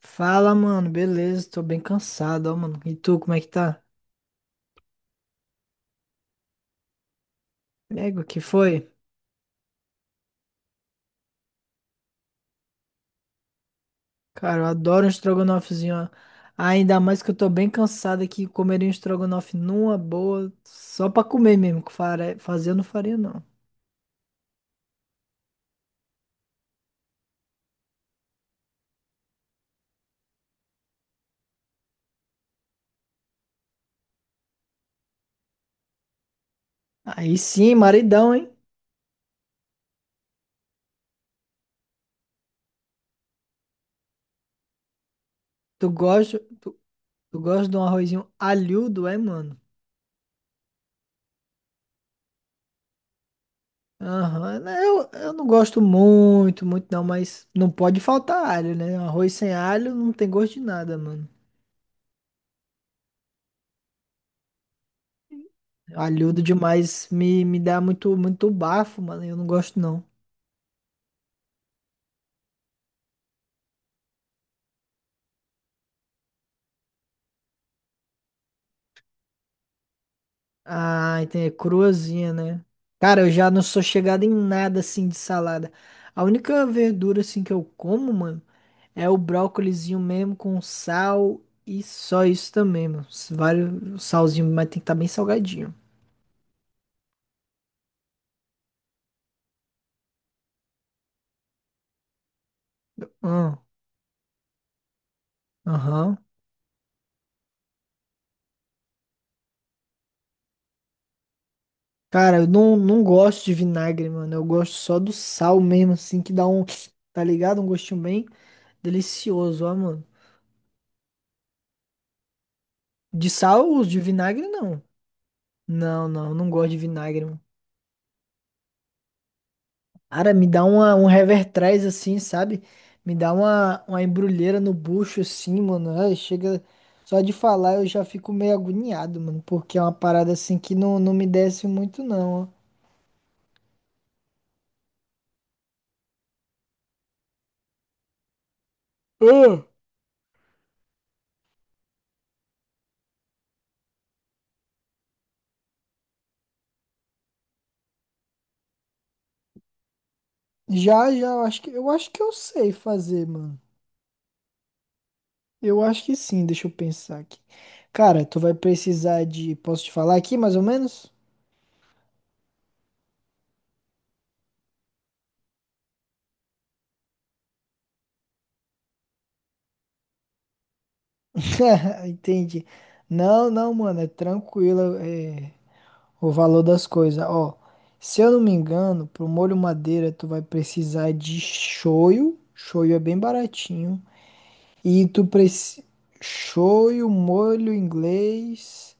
Fala, mano, beleza? Tô bem cansado, ó, mano. E tu, como é que tá? Nego, que foi? Cara, eu adoro um estrogonofezinho, ó. Ah, ainda mais que eu tô bem cansado aqui, comeria um estrogonofe numa boa, só pra comer mesmo, que fazer eu não faria, não. Aí sim, maridão, hein? Tu gosta, tu, tu gosta de um arrozinho alhudo, é, mano? Aham, né. Eu não gosto muito, muito não, mas não pode faltar alho, né? Um arroz sem alho não tem gosto de nada, mano. Alhudo demais me dá muito, muito bafo, mano. Eu não gosto, não. Ah, entendi. Cruazinha, né? Cara, eu já não sou chegado em nada assim de salada. A única verdura assim que eu como, mano, é o brócolizinho mesmo com sal e só isso também, mano. Vários salzinho, mas tem que estar bem salgadinho. Ah. Aham. Cara, eu não gosto de vinagre, mano. Eu gosto só do sal mesmo, assim, que dá um, tá ligado? Um gostinho bem delicioso, ó, mano. De sal, os de vinagre, não. Não, não, não gosto de vinagre, mano. Cara, me dá uma, um revertrás assim, sabe? Me dá uma embrulheira no bucho assim, mano. Ai, chega. Só de falar eu já fico meio agoniado, mano. Porque é uma parada assim que não me desce muito, não, ó. Ah. Já, já, eu acho que eu sei fazer, mano. Eu acho que sim, deixa eu pensar aqui. Cara, tu vai precisar de. Posso te falar aqui mais ou menos? Entendi. Não, não, mano, é tranquilo, é o valor das coisas. Ó, se eu não me engano, pro molho madeira tu vai precisar de shoyu. Shoyu é bem baratinho. E tu precisa. Shoyu, molho inglês.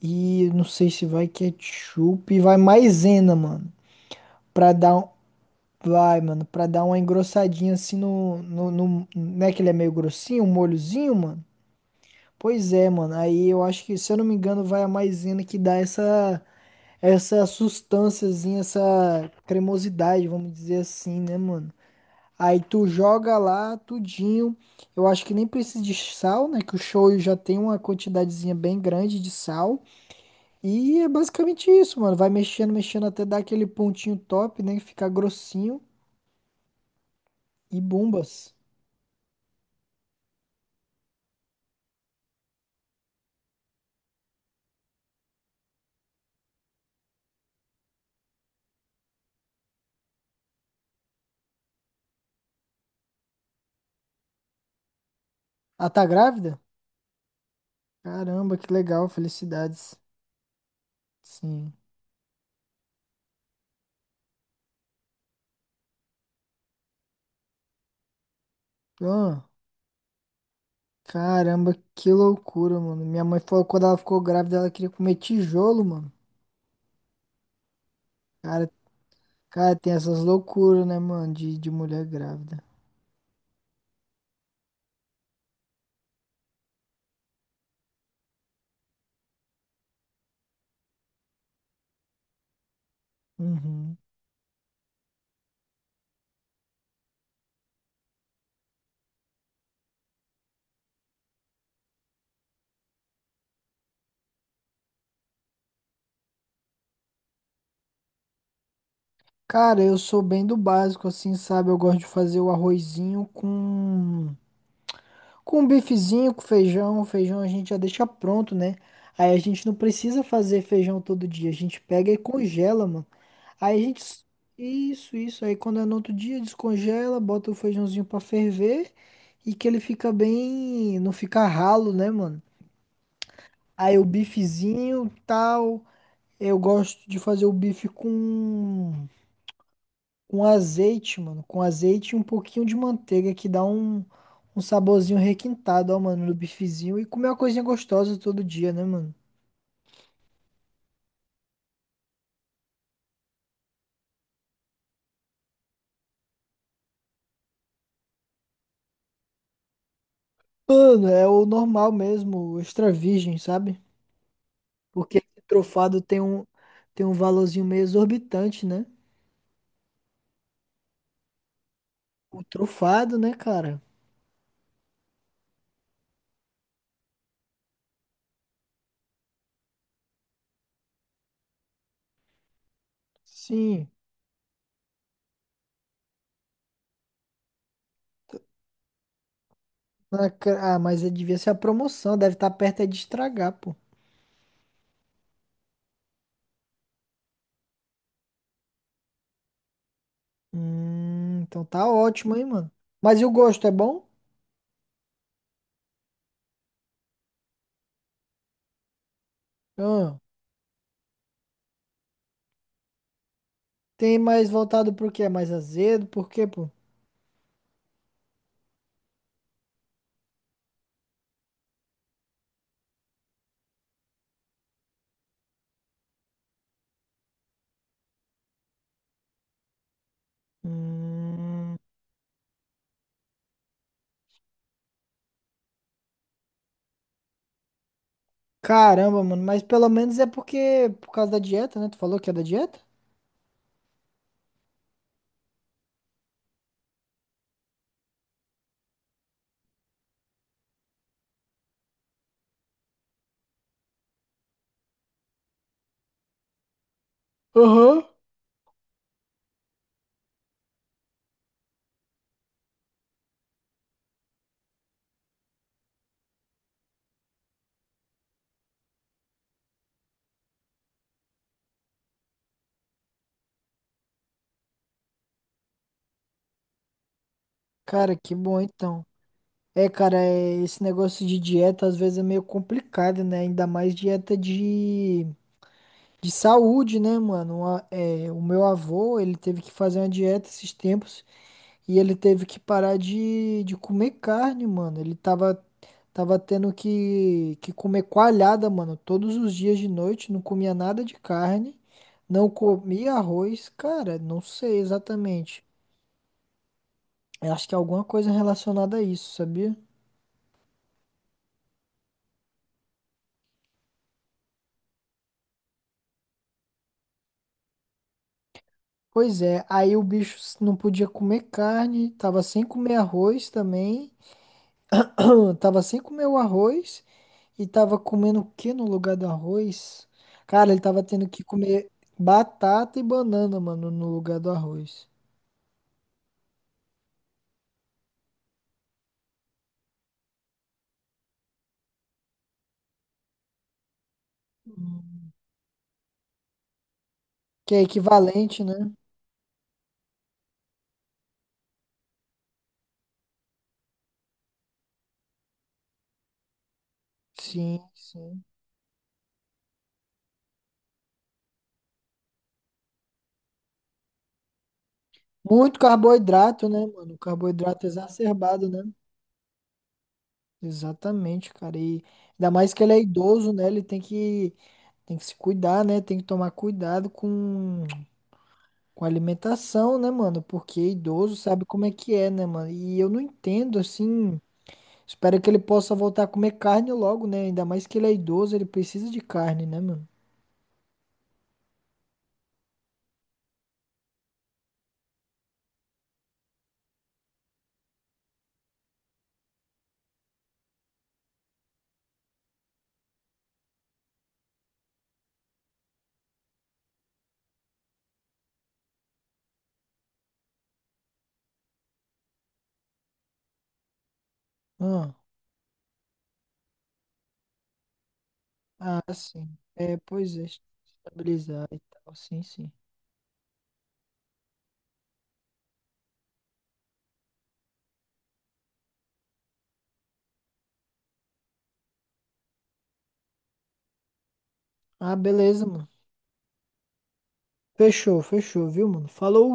E não sei se vai ketchup. E vai maisena, mano. Pra dar um. Vai, mano, pra dar uma engrossadinha assim no. Não é que ele é meio grossinho, um molhozinho, mano? Pois é, mano. Aí eu acho que, se eu não me engano, vai a maisena que dá essa sustânciazinha, essa cremosidade, vamos dizer assim, né, mano? Aí tu joga lá tudinho. Eu acho que nem precisa de sal, né? Que o shoyu já tem uma quantidadezinha bem grande de sal. E é basicamente isso, mano. Vai mexendo, mexendo até dar aquele pontinho top, né? Ficar grossinho e bombas. Ah, tá grávida? Caramba, que legal, felicidades. Sim. Ah. Caramba, que loucura, mano. Minha mãe falou que quando ela ficou grávida, ela queria comer tijolo, mano. Cara, cara, tem essas loucuras, né, mano, de mulher grávida. Uhum. Cara, eu sou bem do básico, assim, sabe? Eu gosto de fazer o arrozinho com um bifezinho, com feijão. Feijão a gente já deixa pronto, né? Aí a gente não precisa fazer feijão todo dia, a gente pega e congela, mano. Aí a gente. Isso, isso. Aí quando é no outro dia, descongela, bota o feijãozinho pra ferver e que ele fica bem. Não fica ralo, né, mano? Aí o bifezinho, tal. Eu gosto de fazer o bife com azeite, mano. Com azeite e um pouquinho de manteiga que dá um, um saborzinho requintado, ó, mano, no bifezinho. E comer uma coisinha gostosa todo dia, né, mano? Mano, é o normal mesmo, o extra virgem, sabe? Porque esse trufado tem um valorzinho meio exorbitante, né? O trufado, né, cara? Sim. Na ca- ah, mas é, devia ser a promoção, deve estar perto é de estragar, pô. Então tá ótimo, hein, mano. Mas e o gosto, é bom? Ah. Tem mais voltado pro quê? É mais azedo? Por quê, pô? Hum, caramba, mano. Mas pelo menos é porque, por causa da dieta, né? Tu falou que é da dieta? Aham. Cara, que bom então. É, cara, é- esse negócio de dieta às vezes é meio complicado, né? Ainda mais dieta de saúde, né, mano? Uma- é, o meu avô, ele teve que fazer uma dieta esses tempos e ele teve que parar de comer carne, mano. Ele tava Tava tendo que comer coalhada, mano, todos os dias de noite, não comia nada de carne, não comia arroz, cara, não sei exatamente. Eu acho que é alguma coisa relacionada a isso, sabia? Pois é, aí o bicho não podia comer carne, tava sem comer arroz também, tava sem comer o arroz e tava comendo o que no lugar do arroz? Cara, ele tava tendo que comer batata e banana, mano, no lugar do arroz. Hum. Que é equivalente, né? Sim, sim. Muito carboidrato, né, mano? Carboidrato exacerbado, né? Exatamente, cara. E ainda mais que ele é idoso, né? Tem que se cuidar, né? Tem que tomar cuidado com a alimentação, né, mano? Porque idoso sabe como é que é, né, mano? E eu não entendo, assim. Espero que ele possa voltar a comer carne logo, né? Ainda mais que ele é idoso, ele precisa de carne, né, mano? Ah, ah, sim. É, pois é. Estabilizar e tal. Sim, sim. Ah, beleza, mano. Fechou, fechou, viu, mano? Falou.